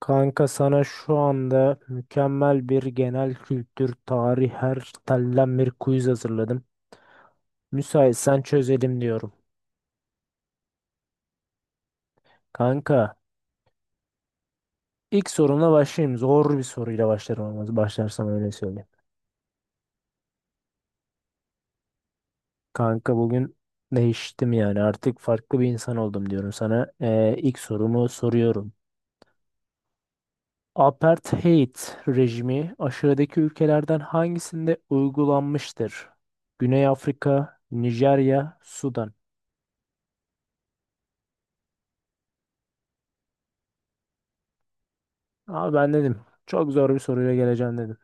Kanka sana şu anda mükemmel bir genel kültür, tarih her telden bir quiz hazırladım. Müsaitsen çözelim diyorum. Kanka ilk sorumla başlayayım. Zor bir soruyla başlarım ama başlarsam öyle söyleyeyim. Kanka bugün değiştim yani artık farklı bir insan oldum diyorum sana. İlk sorumu soruyorum. Apartheid rejimi aşağıdaki ülkelerden hangisinde uygulanmıştır? Güney Afrika, Nijerya, Sudan. Abi ben dedim. Çok zor bir soruyla geleceğim dedim.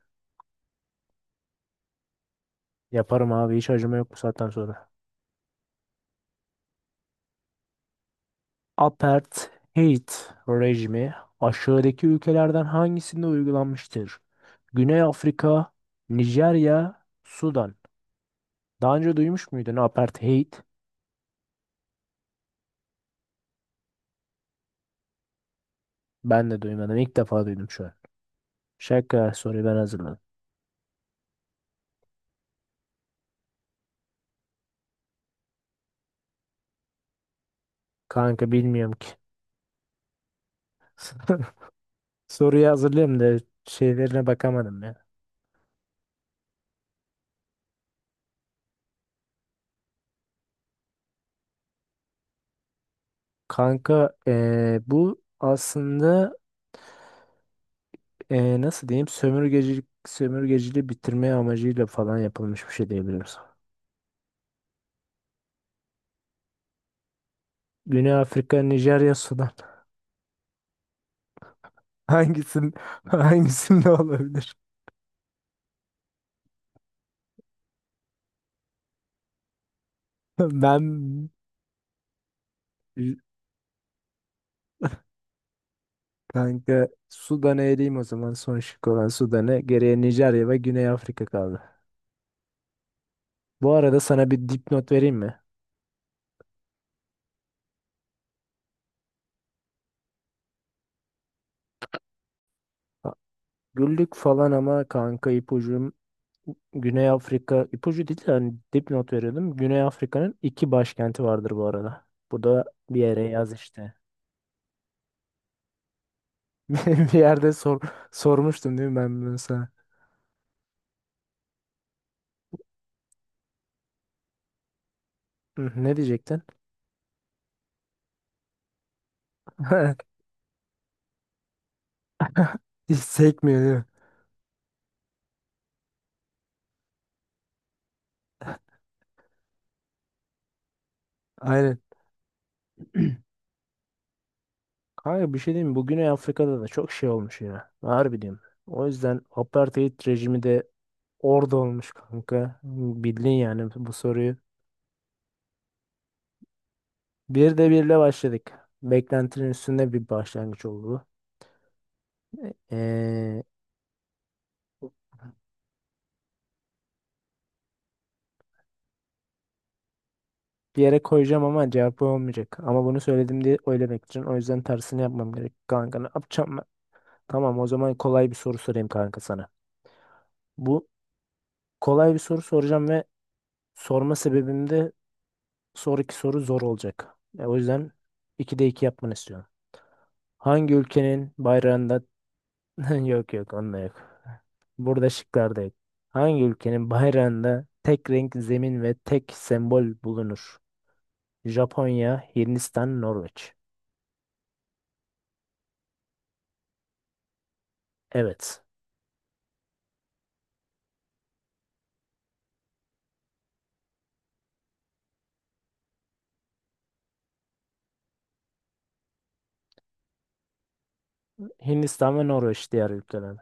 Yaparım abi hiç acıma yok bu saatten sonra. Apartheid rejimi aşağıdaki ülkelerden hangisinde uygulanmıştır? Güney Afrika, Nijerya, Sudan. Daha önce duymuş muydun apartheid? Ben de duymadım. İlk defa duydum şu an. Şaka soruyu ben hazırladım. Kanka bilmiyorum ki. Soruyu hazırlayayım da şeylerine bakamadım ya. Kanka bu aslında nasıl diyeyim? Sömürgecilik, sömürgeciliği bitirme amacıyla falan yapılmış bir şey diyebiliriz. Güney Afrika, Nijerya, Sudan. Hangisin, hangisinde olabilir? Ben kanka Sudan'a eleyim o zaman. Son şık olan Sudan'ı. Geriye Nijerya ve Güney Afrika kaldı. Bu arada sana bir dipnot vereyim mi? Ha, güldük falan ama kanka ipucum Güney Afrika ipucu değil de hani dipnot veriyordum. Güney Afrika'nın iki başkenti vardır bu arada. Bu da bir yere yaz işte. Bir yerde sormuştum değil mi ben bunu sana? Hı, ne diyecektin? Hiç sekmiyor değil mi? Aynen. Kanka bir şey diyeyim mi? Bu Güney Afrika'da da çok şey olmuş ya. Harbi diyorum. O yüzden apartheid rejimi de orada olmuş kanka. Bildin yani bu soruyu. Bir de birle başladık. Beklentinin üstünde bir başlangıç oldu. Ee, bir yere koyacağım ama cevap olmayacak. Ama bunu söyledim diye oylamak için. O yüzden tersini yapmam gerek kanka. Ne yapacağım? Tamam o zaman kolay bir soru sorayım kanka sana. Bu kolay bir soru soracağım ve sorma sebebim de sonraki soru zor olacak. O yüzden 2'de 2 yapmanı istiyorum. Hangi ülkenin bayrağında yok yok onda yok. Burada şıklarda yok. Hangi ülkenin bayrağında tek renk zemin ve tek sembol bulunur? Japonya, Hindistan, Norveç. Evet. Hindistan ve Norveç diğer ülkeler.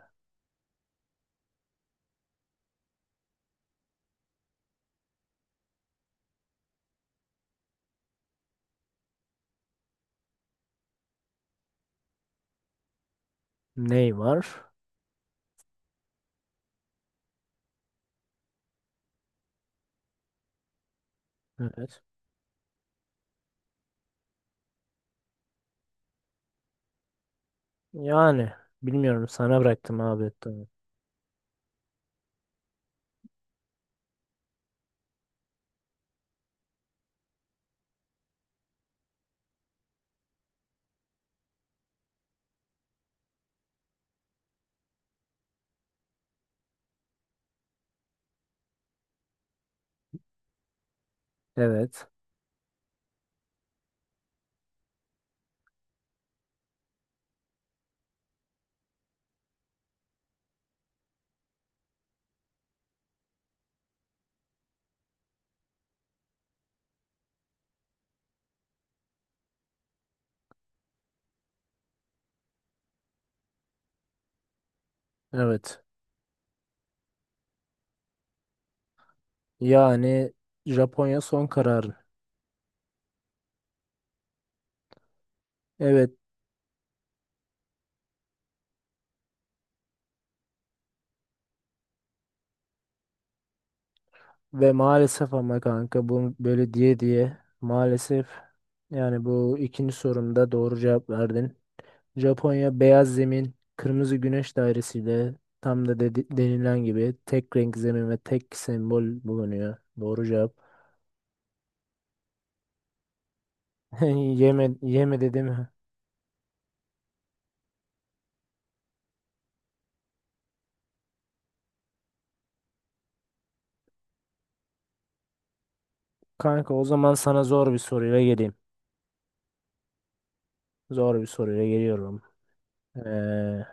Ney var? Evet. Yani bilmiyorum sana bıraktım abi. Evet. Evet. Yani Japonya son kararı. Evet ve maalesef ama kanka bu böyle diye diye maalesef yani bu ikinci sorumda doğru cevap verdin. Japonya beyaz zemin, kırmızı güneş dairesiyle tam da denilen gibi tek renk zemin ve tek sembol bulunuyor. Doğru cevap. Yeme, yeme dedim. Kanka o zaman sana zor bir soruyla geleyim. Zor bir soruyla geliyorum. Ee,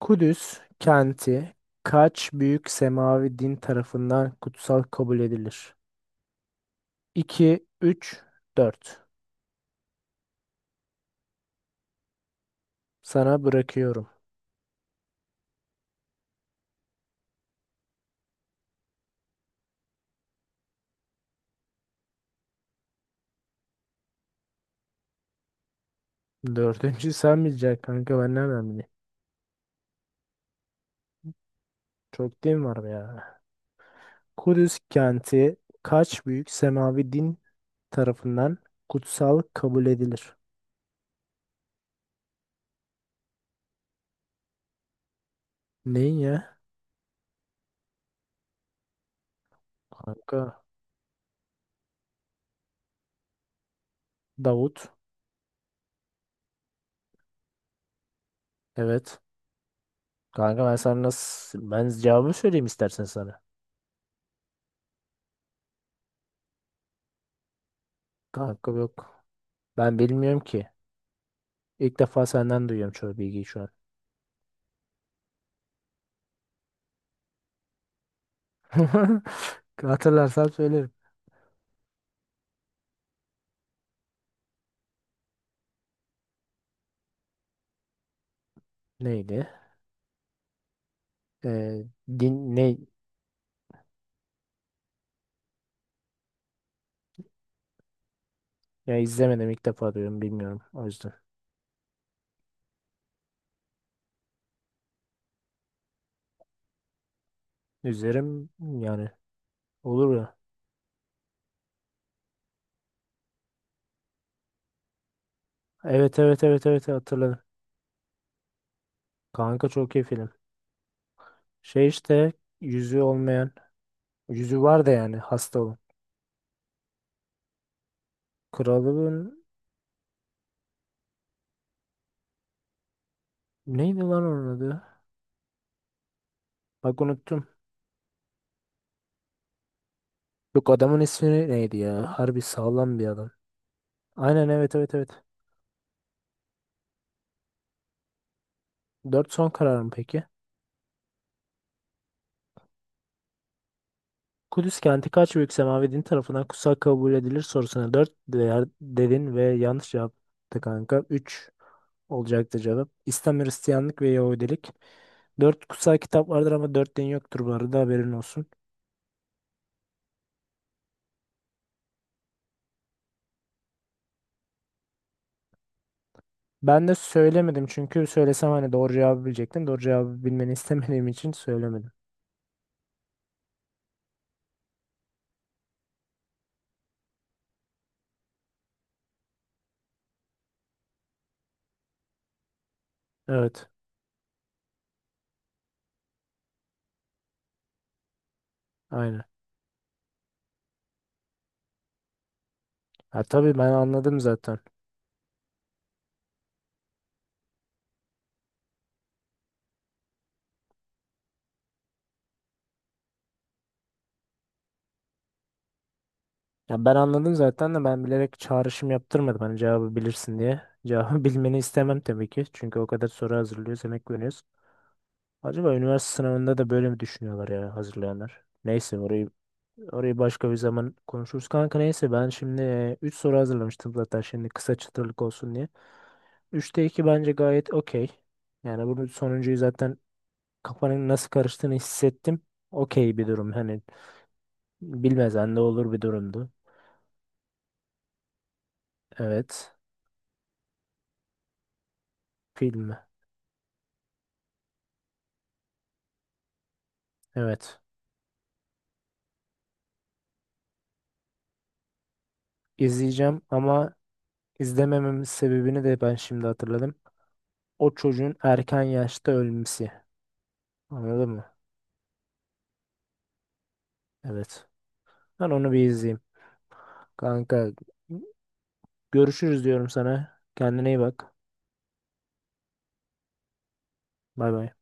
Kudüs kenti kaç büyük semavi din tarafından kutsal kabul edilir? 2, 3, 4. Sana bırakıyorum. Dördüncü sen bileceksin kanka ben nereden bileyim? Çok din var be ya. Kudüs kenti kaç büyük semavi din tarafından kutsal kabul edilir? Neyin ya? Kanka Davut. Evet. Kanka ben sana nasıl... Ben cevabı söyleyeyim istersen sana. Kanka yok. Ben bilmiyorum ki. İlk defa senden duyuyorum çoğu bilgiyi şu an. Hatırlarsan söylerim. Neydi? Din, ne? Ya izlemedim ilk defa duyuyorum bilmiyorum o yüzden. İzlerim yani olur ya. Evet, evet, evet, evet, hatırladım. Kanka çok iyi film. Şey işte yüzü olmayan yüzü var da yani hasta olan. Kralın neydi lan onun adı? Bak unuttum. Yok adamın ismi neydi ya? Harbi sağlam bir adam. Aynen, evet, evet, evet. Dört son karar mı peki? Kudüs kenti kaç büyük semavi din tarafından kutsal kabul edilir sorusuna 4 değer dedin ve yanlış yaptı kanka. Üç olacaktı cevap. İslam, Hristiyanlık ve Yahudilik. Dört kutsal kitap vardır ama 4 din yoktur bu arada haberin olsun. Ben de söylemedim çünkü söylesem hani doğru cevabı bilecektim. Doğru cevabı bilmeni istemediğim için söylemedim. Evet, aynen. Ha, tabii ben anladım zaten. Ya ben anladım zaten de ben bilerek çağrışım yaptırmadım hani cevabı bilirsin diye. Cevabı bilmeni istemem tabii ki. Çünkü o kadar soru hazırlıyoruz, emek veriyoruz. Acaba üniversite sınavında da böyle mi düşünüyorlar ya hazırlayanlar? Neyse orayı başka bir zaman konuşuruz. Kanka neyse ben şimdi 3 soru hazırlamıştım zaten şimdi kısa çıtırlık olsun diye. 3'te 2 bence gayet okey. Yani bunun sonuncuyu zaten kafanın nasıl karıştığını hissettim. Okey bir durum hani bilmezen de olur bir durumdu. Evet. Film. Evet. İzleyeceğim ama izlemememin sebebini de ben şimdi hatırladım. O çocuğun erken yaşta ölmesi. Anladın mı? Evet. Ben onu bir izleyeyim. Kanka görüşürüz diyorum sana. Kendine iyi bak. Bay bay.